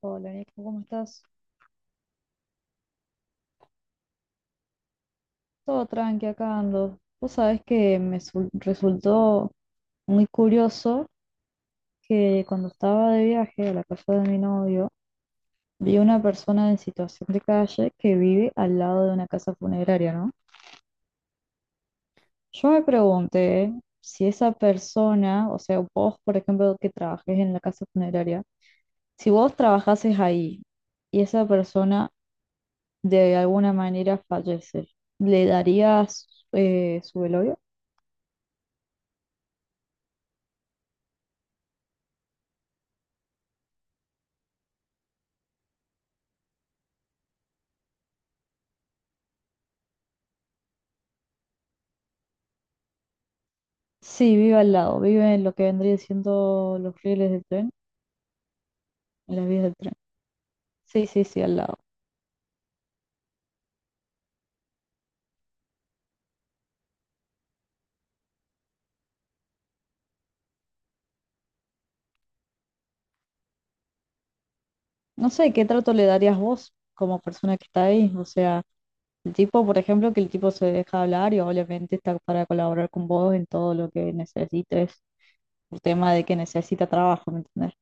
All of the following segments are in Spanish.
Hola, Nico, ¿cómo estás? Todo tranqui acá ando. Vos sabés que resultó muy curioso que cuando estaba de viaje a la casa de mi novio, vi una persona en situación de calle que vive al lado de una casa funeraria, ¿no? Yo me pregunté si esa persona, o sea, vos, por ejemplo, que trabajes en la casa funeraria, si vos trabajases ahí y esa persona de alguna manera fallece, ¿le darías su velorio? Sí, vive al lado, vive en lo que vendría siendo los rieles del tren, en las vías del tren. Sí, sí, sí, al lado. No sé, ¿qué trato le darías vos como persona que está ahí? O sea, el tipo, por ejemplo, que el tipo se deja hablar y obviamente está para colaborar con vos en todo lo que necesites, por tema de que necesita trabajo, ¿me entendés?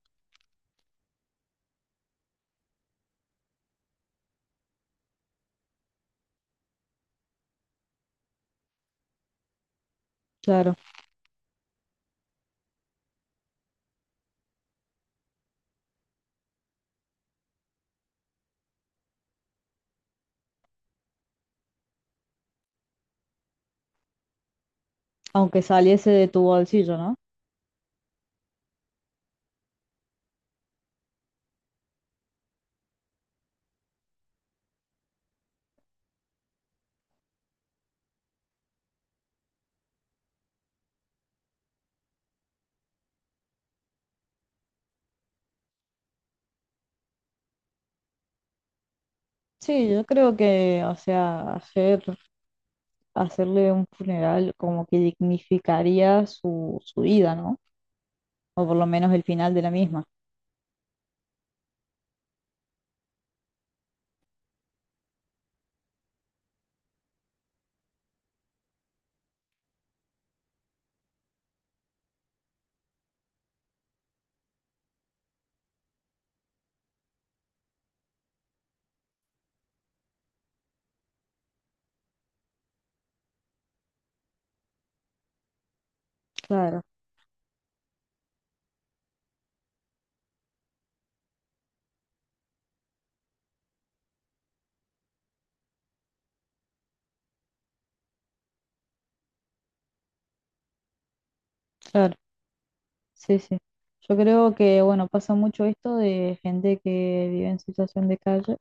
Claro, aunque saliese de tu bolsillo, ¿no? Sí, yo creo que, o sea, hacerle un funeral como que dignificaría su vida, ¿no? O por lo menos el final de la misma. Claro, claro, sí, sí. Yo creo que, bueno, pasa mucho esto de gente que vive en situación de calle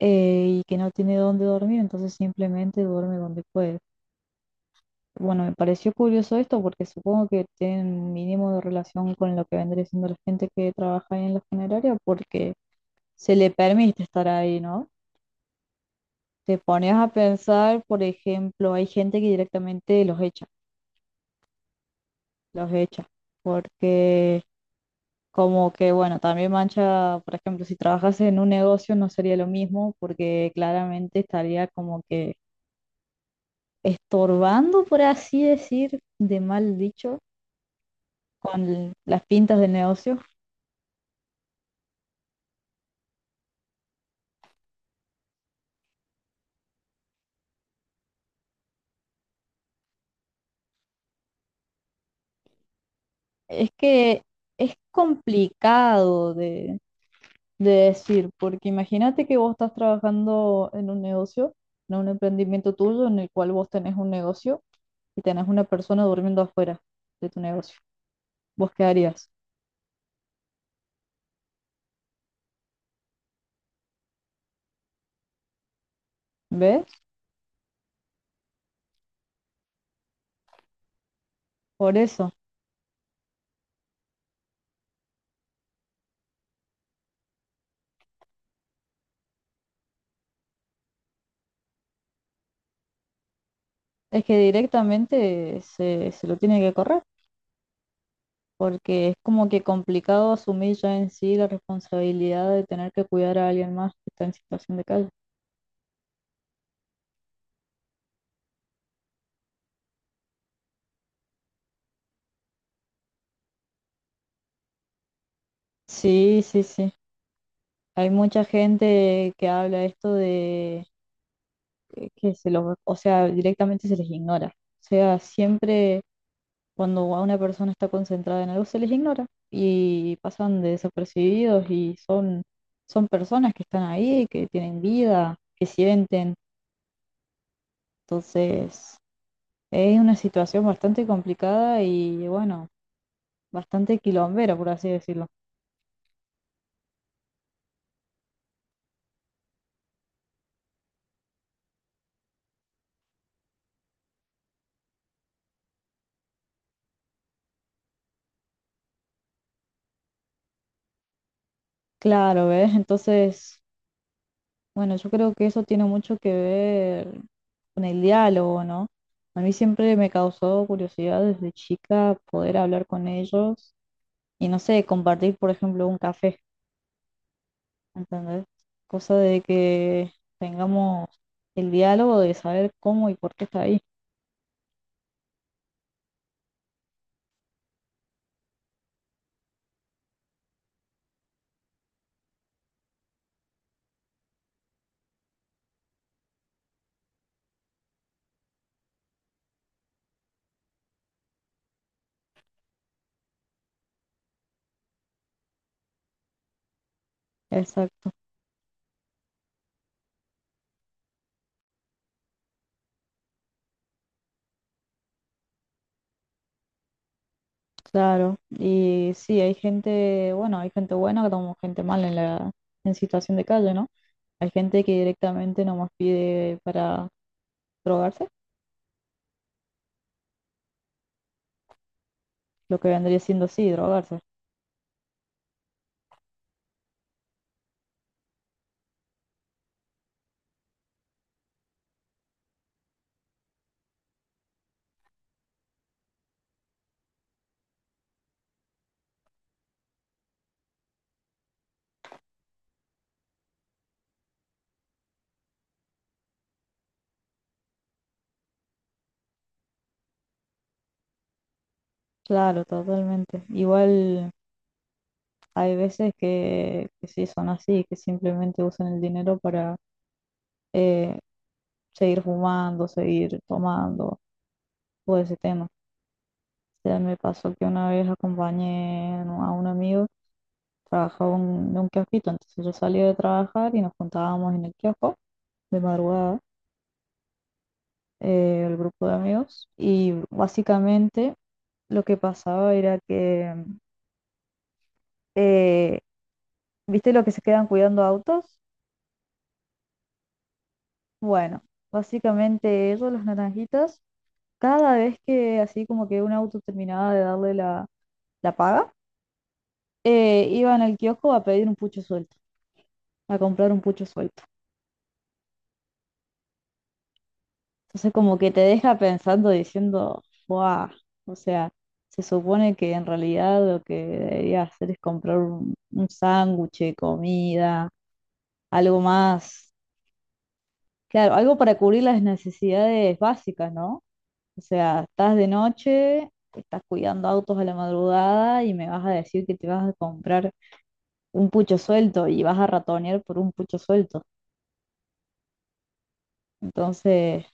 y que no tiene dónde dormir, entonces simplemente duerme donde puede. Bueno, me pareció curioso esto porque supongo que tienen un mínimo de relación con lo que vendría siendo la gente que trabaja ahí en la funeraria porque se le permite estar ahí, ¿no? Te pones a pensar, por ejemplo, hay gente que directamente los echa, porque, como que, bueno, también mancha. Por ejemplo, si trabajas en un negocio no sería lo mismo porque claramente estaría como que estorbando, por así decir, de mal dicho, con las pintas del negocio. Es que es complicado de decir, porque imagínate que vos estás trabajando en un negocio, en un emprendimiento tuyo en el cual vos tenés un negocio y tenés una persona durmiendo afuera de tu negocio. ¿Vos qué harías? ¿Ves? Por eso. Es que directamente se lo tiene que correr, porque es como que complicado asumir ya en sí la responsabilidad de tener que cuidar a alguien más que está en situación de calle. Sí, sí, sí. Hay mucha gente que habla esto de que se los, o sea, directamente se les ignora. O sea, siempre cuando a una persona está concentrada en algo se les ignora y pasan de desapercibidos y son, son personas que están ahí, que tienen vida, que sienten. Entonces, es una situación bastante complicada y bueno, bastante quilombera, por así decirlo. Claro, ¿ves? Entonces, bueno, yo creo que eso tiene mucho que ver con el diálogo, ¿no? A mí siempre me causó curiosidad desde chica poder hablar con ellos y no sé, compartir, por ejemplo, un café, ¿entendés? Cosa de que tengamos el diálogo de saber cómo y por qué está ahí. Exacto. Claro, y sí, hay gente, bueno, hay gente buena como gente mala en la en situación de calle, ¿no? Hay gente que directamente nomás pide para drogarse, lo que vendría siendo sí, drogarse. Claro, totalmente. Igual hay veces que sí son así, que simplemente usan el dinero para eh, seguir fumando, seguir tomando, todo ese tema. Sea, me pasó que una vez acompañé a un amigo, trabajaba en un kiosquito, entonces yo salía de trabajar y nos juntábamos en el kiosco de madrugada, el grupo de amigos, y básicamente lo que pasaba era que, eh, ¿viste lo que se quedan cuidando autos? Bueno, básicamente ellos, los naranjitas, cada vez que así como que un auto terminaba de darle la paga, iban al kiosco a pedir un pucho suelto, a comprar un pucho suelto. Entonces como que te deja pensando diciendo, wow, o sea, se supone que en realidad lo que debería hacer es comprar un sándwich, de comida, algo más, claro, algo para cubrir las necesidades básicas, ¿no? O sea, estás de noche, estás cuidando autos a la madrugada y me vas a decir que te vas a comprar un pucho suelto y vas a ratonear por un pucho suelto. Entonces...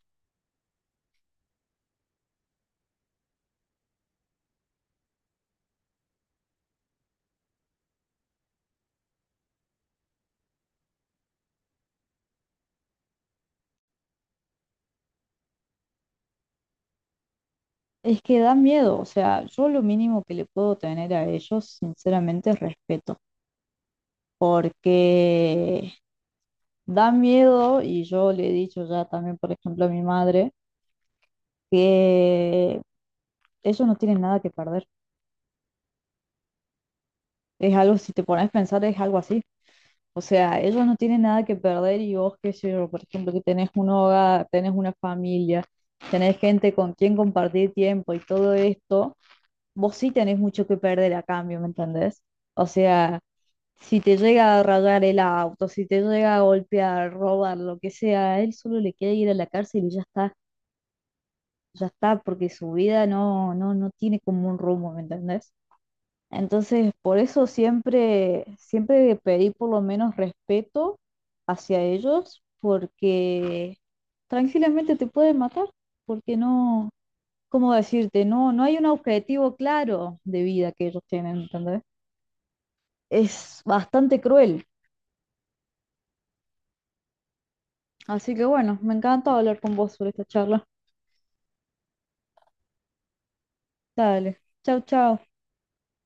Es que da miedo, o sea, yo lo mínimo que le puedo tener a ellos, sinceramente, es respeto, porque da miedo, y yo le he dicho ya también, por ejemplo, a mi madre, que ellos no tienen nada que perder. Es algo, si te pones a pensar, es algo así. O sea, ellos no tienen nada que perder y vos, qué sé yo, por ejemplo, que tenés un hogar, tenés una familia, tenés gente con quien compartir tiempo y todo esto, vos sí tenés mucho que perder a cambio, ¿me entendés? O sea... Si te llega a rayar el auto, si te llega a golpear, robar, lo que sea, a él solo le queda ir a la cárcel y ya está, porque su vida no tiene como un rumbo, ¿me entendés? Entonces, por eso siempre, siempre pedí por lo menos respeto hacia ellos, porque tranquilamente te pueden matar, porque no, ¿cómo decirte? No hay un objetivo claro de vida que ellos tienen, ¿entendés? Es bastante cruel. Así que bueno, me encantó hablar con vos sobre esta charla. Dale, chau, chau.